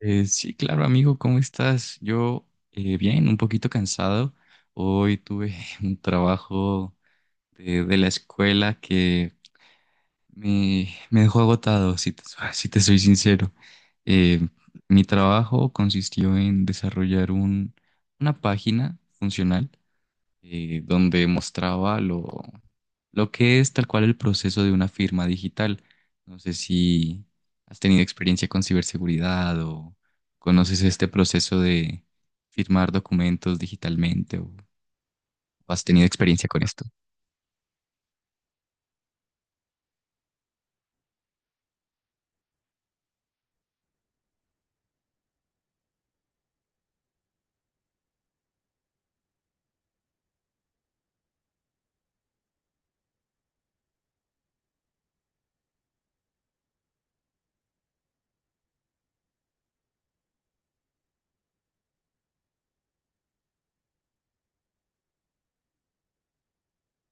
Sí, claro, amigo, ¿cómo estás? Yo bien, un poquito cansado. Hoy tuve un trabajo de la escuela que me dejó agotado, si te soy sincero. Eh, Mi trabajo consistió en desarrollar una página funcional donde mostraba lo que es tal cual el proceso de una firma digital. No sé si has tenido experiencia con ciberseguridad o conoces este proceso de firmar documentos digitalmente o has tenido experiencia con esto.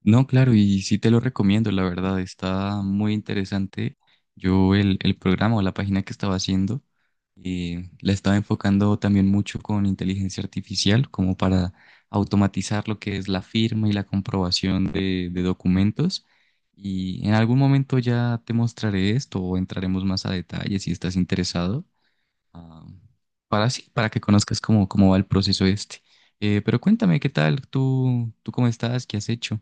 No, claro, y sí te lo recomiendo, la verdad, está muy interesante. Yo el programa o la página que estaba haciendo, la estaba enfocando también mucho con inteligencia artificial, como para automatizar lo que es la firma y la comprobación de documentos. Y en algún momento ya te mostraré esto o entraremos más a detalle si estás interesado, ah, para sí, para que conozcas cómo va el proceso este. Pero cuéntame, ¿qué tal? ¿Tú cómo estás? ¿Qué has hecho?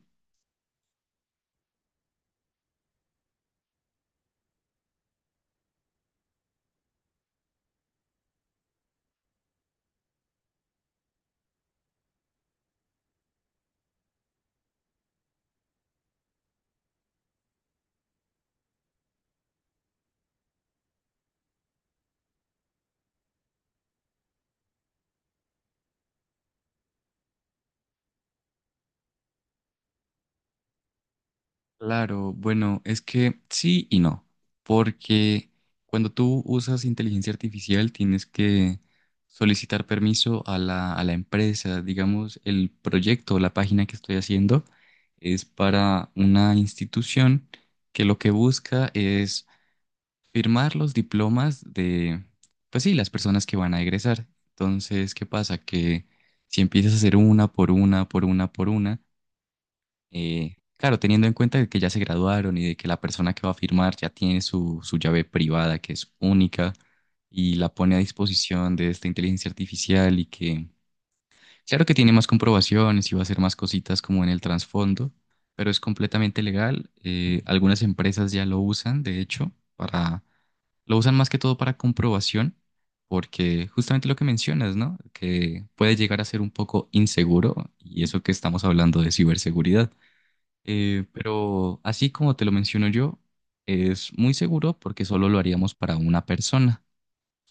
Claro, bueno, es que sí y no, porque cuando tú usas inteligencia artificial tienes que solicitar permiso a la empresa. Digamos, el proyecto o la página que estoy haciendo es para una institución que lo que busca es firmar los diplomas de, pues sí, las personas que van a egresar. Entonces, ¿qué pasa? Que si empiezas a hacer una por una, por una, por una, claro, teniendo en cuenta de que ya se graduaron y de que la persona que va a firmar ya tiene su llave privada, que es única, y la pone a disposición de esta inteligencia artificial y que, claro que tiene más comprobaciones y va a hacer más cositas como en el trasfondo, pero es completamente legal. Algunas empresas ya lo usan, de hecho, para, lo usan más que todo para comprobación. Porque justamente lo que mencionas, ¿no? Que puede llegar a ser un poco inseguro, y eso que estamos hablando de ciberseguridad. Pero así como te lo menciono yo, es muy seguro porque solo lo haríamos para una persona.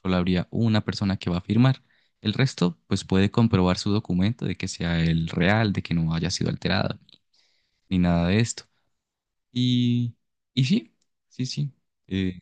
Solo habría una persona que va a firmar. El resto, pues puede comprobar su documento de que sea el real, de que no haya sido alterado, ni nada de esto. Y, y sí, sí, sí. Eh,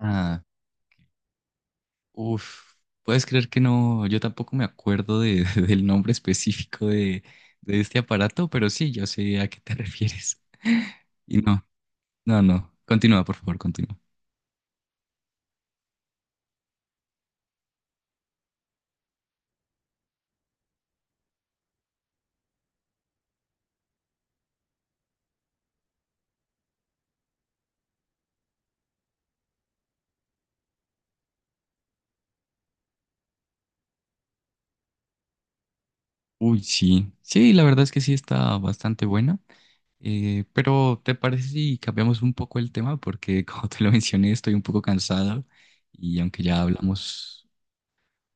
ah, uf, puedes creer que no, yo tampoco me acuerdo del nombre específico de este aparato, pero sí, yo sé a qué te refieres. y no No, no. Continúa, por favor, continúa. Uy, sí. Sí, la verdad es que sí está bastante buena. Pero ¿te parece si cambiamos un poco el tema? Porque como te lo mencioné, estoy un poco cansado y aunque ya hablamos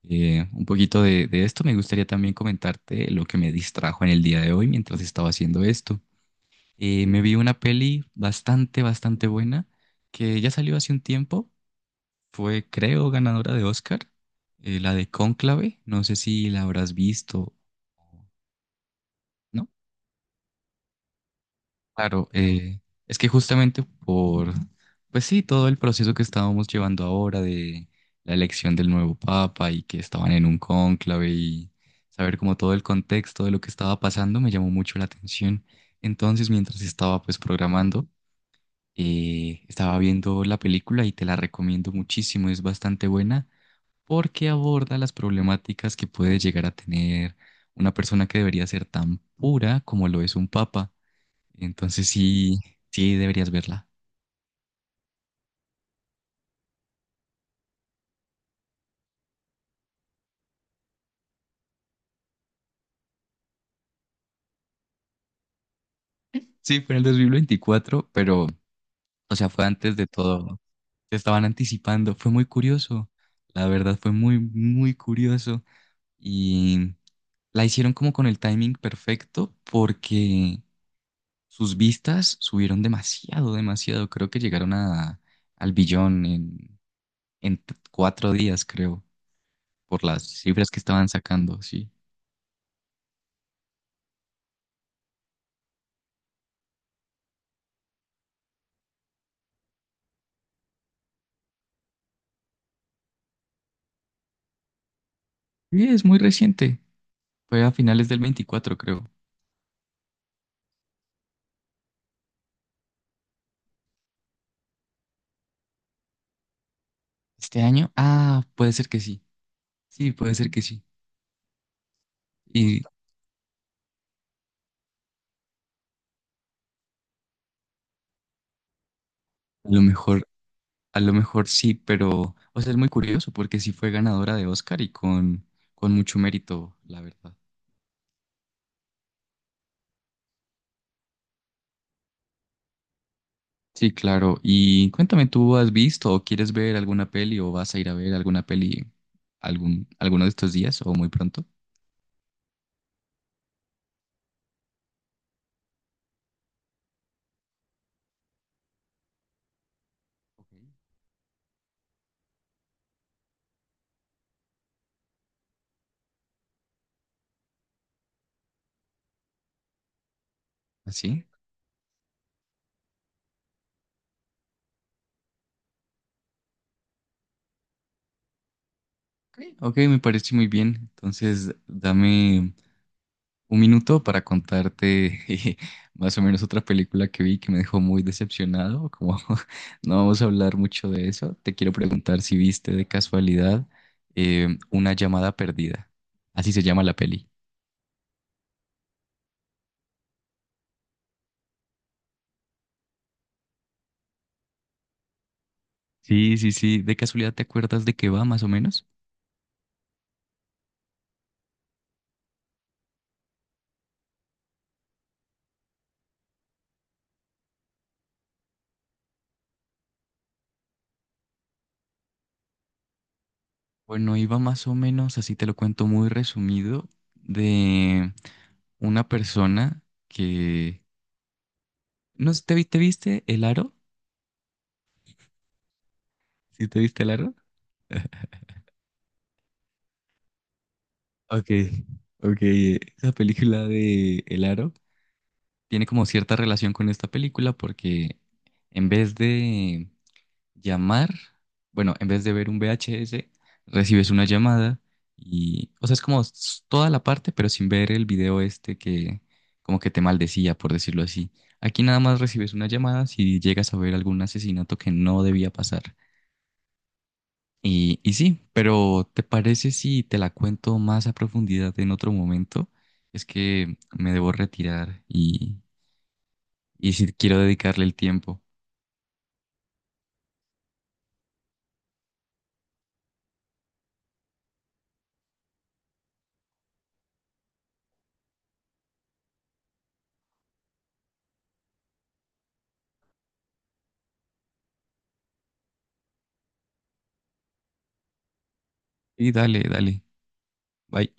un poquito de esto, me gustaría también comentarte lo que me distrajo en el día de hoy mientras estaba haciendo esto. Me vi una peli bastante, bastante buena que ya salió hace un tiempo. Fue, creo, ganadora de Oscar, la de Cónclave, no sé si la habrás visto, ¿no? Claro, es que justamente por, pues sí, todo el proceso que estábamos llevando ahora de la elección del nuevo papa y que estaban en un cónclave y saber como todo el contexto de lo que estaba pasando me llamó mucho la atención. Entonces, mientras estaba pues programando, estaba viendo la película y te la recomiendo muchísimo, es bastante buena, porque aborda las problemáticas que puede llegar a tener una persona que debería ser tan pura como lo es un papa. Entonces sí, sí deberías verla. Sí, fue en el 2024, pero, o sea, fue antes de todo. Se estaban anticipando. Fue muy curioso. La verdad fue muy, muy curioso. Y la hicieron como con el timing perfecto porque sus vistas subieron demasiado, demasiado. Creo que llegaron a, al billón en 4 días, creo, por las cifras que estaban sacando, sí. Sí, es muy reciente, fue a finales del 24 creo. ¿Este año? Ah, puede ser que sí, sí, puede ser que sí. Y a lo mejor, a lo mejor sí, pero, o sea, es muy curioso porque sí fue ganadora de Oscar y con mucho mérito, la verdad. Sí, claro. Y cuéntame, ¿tú has visto o quieres ver alguna peli o vas a ir a ver alguna peli algún, alguno de estos días o muy pronto? Ok. ¿Así? Ok, me parece muy bien. Entonces, dame un minuto para contarte más o menos otra película que vi que me dejó muy decepcionado. Como no vamos a hablar mucho de eso, te quiero preguntar si viste de casualidad Una llamada perdida. Así se llama la peli. Sí, sí, sí. ¿De casualidad te acuerdas de qué va más o menos? Bueno, iba más o menos, así te lo cuento muy resumido, de una persona que... No sé, te viste El Aro? ¿Sí te viste el aro? Ok, ok. Esa película de El Aro tiene como cierta relación con esta película porque en vez de llamar, bueno, en vez de ver un VHS, recibes una llamada y, o sea, es como toda la parte, pero sin ver el video este que como que te maldecía, por decirlo así. Aquí nada más recibes una llamada si llegas a ver algún asesinato que no debía pasar. Y sí, pero ¿te parece si te la cuento más a profundidad en otro momento? Es que me debo retirar y si quiero dedicarle el tiempo. Y dale, dale. Bye.